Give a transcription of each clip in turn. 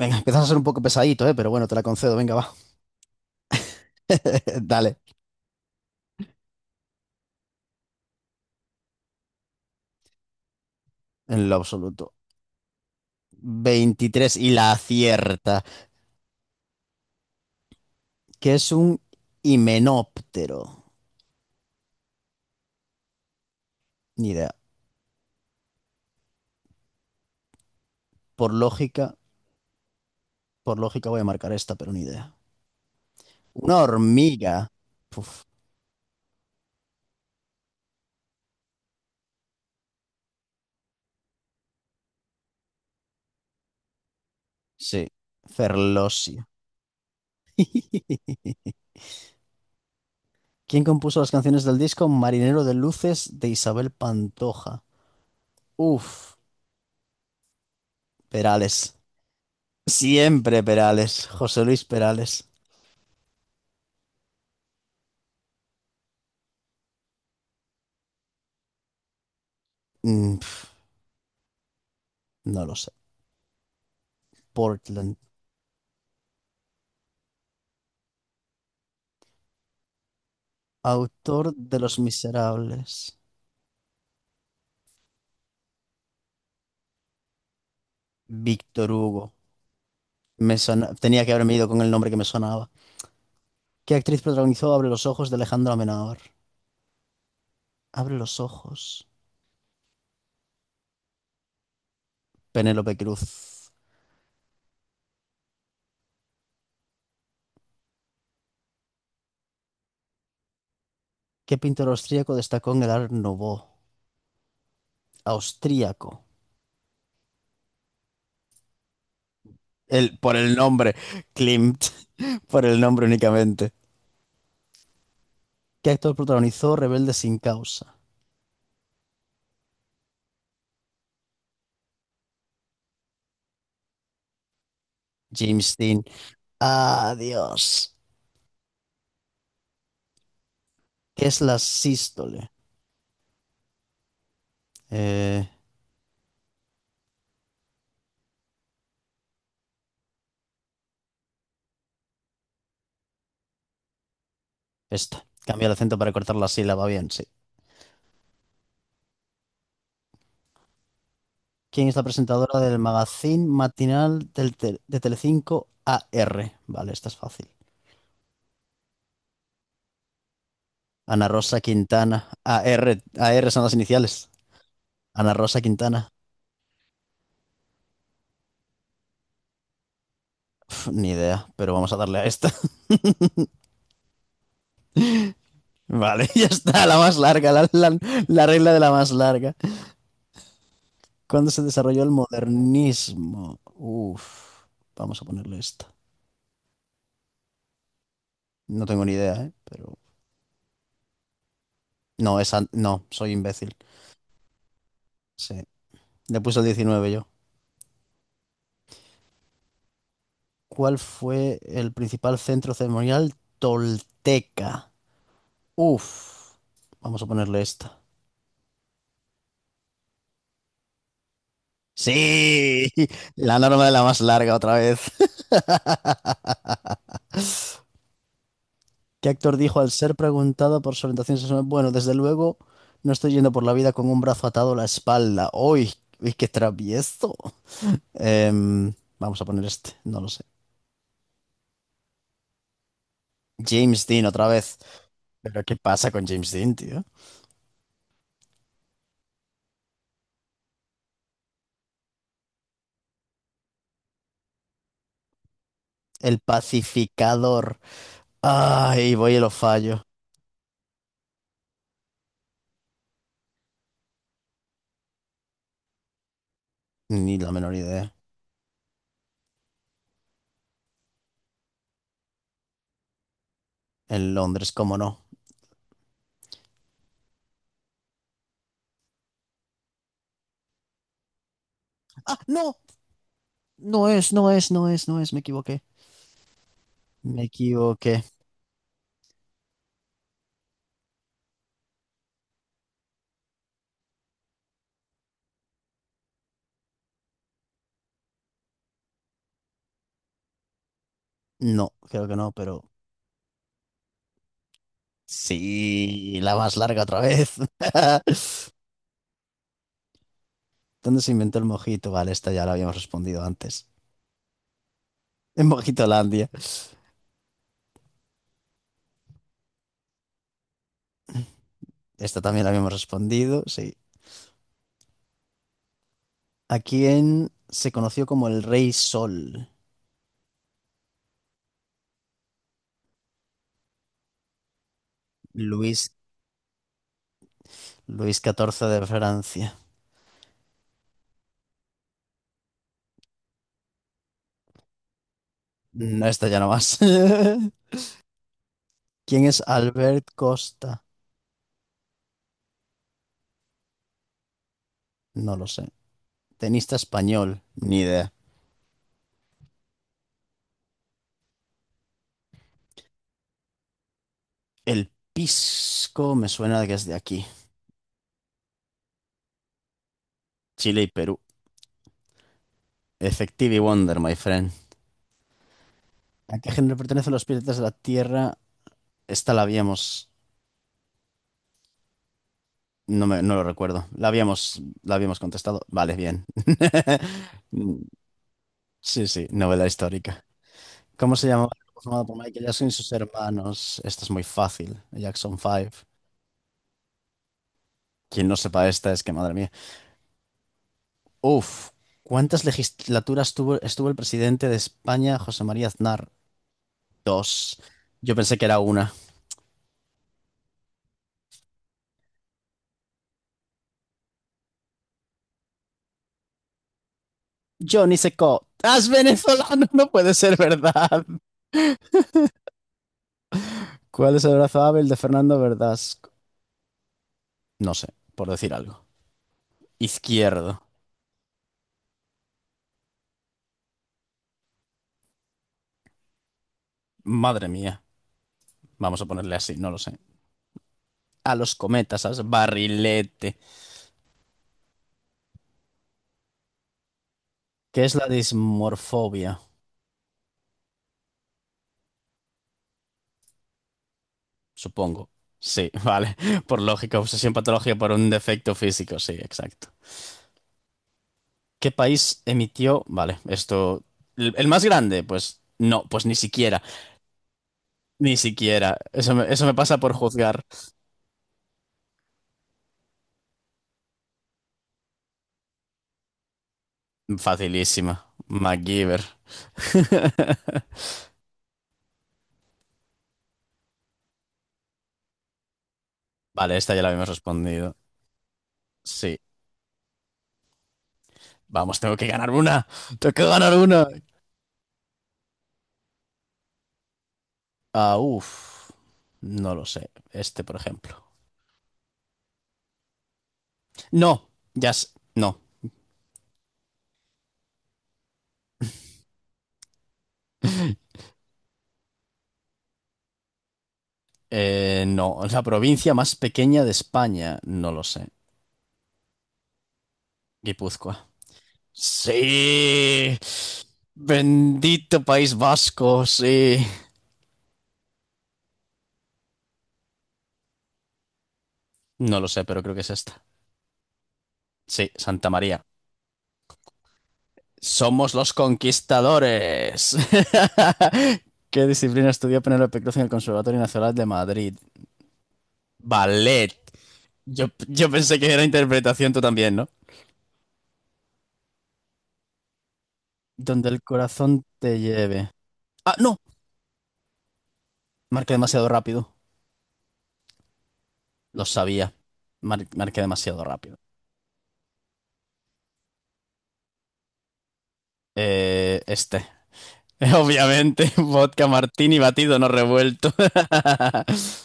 Venga, empiezas a ser un poco pesadito, ¿eh? Pero bueno, te la concedo, venga, va. Dale, en lo absoluto. 23 y la acierta, que es un himenóptero. Ni idea. Por lógica, por lógica, voy a marcar esta, pero ni idea. Una hormiga. Uf, sí, Ferlosio. ¿Quién compuso las canciones del disco Marinero de Luces de Isabel Pantoja? Uf, Perales. Siempre Perales. José Luis Perales. Mm, pf, no lo sé. Portland. Autor de Los Miserables, Víctor Hugo. Tenía que haberme ido con el nombre que me sonaba. ¿Qué actriz protagonizó Abre los ojos de Alejandro Amenábar? Abre los ojos. Penélope Cruz. ¿Qué pintor austríaco destacó en el Art Nouveau? Austríaco. El, por el nombre, Klimt. Por el nombre únicamente. ¿Qué actor protagonizó Rebelde sin causa? James Dean. Adiós. ¿Qué es la sístole? Eh, esta. Cambia el acento para cortar la sílaba bien, sí. quien es la presentadora del magazine matinal de Telecinco AR? Vale, esta es fácil. Ana Rosa Quintana. AR, AR son las iniciales. Ana Rosa Quintana. Uf, ni idea, pero vamos a darle a esta. Vale, ya está, la más larga, la regla de la más larga. ¿Cuándo se desarrolló el modernismo? Uf, vamos a ponerle esta. No tengo ni idea, ¿eh? Pero... No, esa... No, soy imbécil. Sí. Le puse el 19 yo. ¿Cuál fue el principal centro ceremonial tolteca? Uf, vamos a ponerle esta. Sí, la norma de la más larga otra vez. ¿Qué actor dijo al ser preguntado por su orientación sexual? Bueno, desde luego, no estoy yendo por la vida con un brazo atado a la espalda. ¡Uy! ¡Uy, qué travieso! Em, Vamos a poner este, no lo sé. James Dean otra vez. ¿Pero qué pasa con James Dean, tío? El pacificador. Ay, voy y lo fallo. Ni la menor idea. En Londres, cómo no. Ah, no, no es, me equivoqué. Me equivoqué. No, creo que no, pero sí, la más larga otra vez. ¿Dónde se inventó el mojito? Vale, esta ya la habíamos respondido antes. En Mojitolandia. Esta también la habíamos respondido, sí. ¿A quién se conoció como el Rey Sol? Luis, Luis XIV de Francia. No, esta ya no más. ¿Quién es Albert Costa? No lo sé. Tenista español, ni idea. El Pisco me suena de que es de aquí. Chile y Perú. Effective y Wonder, my friend. ¿A qué género pertenecen los piratas de la Tierra? Esta la habíamos... No, no lo recuerdo. La habíamos contestado. Vale, bien. Sí, sí, novela histórica. ¿Cómo se llamaba el grupo formado por Michael Jackson y sus hermanos? Esto es muy fácil. Jackson 5. Quien no sepa esta es que, madre mía. Uf, ¿cuántas legislaturas estuvo el presidente de España, José María Aznar? Dos. Yo pensé que era una. Johnny Seco. ¡As venezolano! No puede ser verdad. ¿Cuál es el brazo hábil de Fernando Verdasco? No sé, por decir algo. Izquierdo. Madre mía. Vamos a ponerle así, no lo sé. A los cometas, ¿sabes? Barrilete. ¿Qué es la dismorfobia? Supongo. Sí, vale. Por lógica, obsesión patológica por un defecto físico. Sí, exacto. ¿Qué país emitió? Vale, esto. ¿El más grande? Pues no, pues ni siquiera. Ni siquiera. Eso me pasa por juzgar. Facilísima. MacGyver. Vale, esta ya la habíamos respondido. Sí. Vamos, tengo que ganar una. Tengo que ganar una. Ah, uff. No lo sé. Este, por ejemplo. No. No. No. La provincia más pequeña de España. No lo sé. Guipúzcoa. Sí. Bendito País Vasco. Sí. No lo sé, pero creo que es esta. Sí, Santa María. Somos los conquistadores. ¿Qué disciplina estudió Penélope Cruz en el Conservatorio Nacional de Madrid? Ballet. Yo pensé que era interpretación, tú también, ¿no? Donde el corazón te lleve. Ah, no. Marqué demasiado rápido. Lo sabía. Marqué demasiado rápido. Este. Obviamente, vodka martini batido, no revuelto.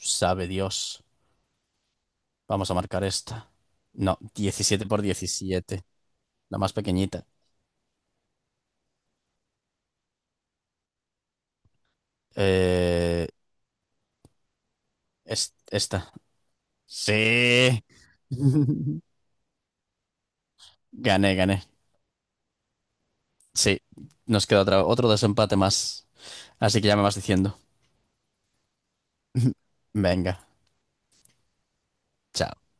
Sabe Dios. Vamos a marcar esta. No, 17 por 17. La más pequeñita. Eh, esta. Sí. Gané, gané. Sí. Nos queda otro desempate más. Así que ya me vas diciendo. Venga. Chao.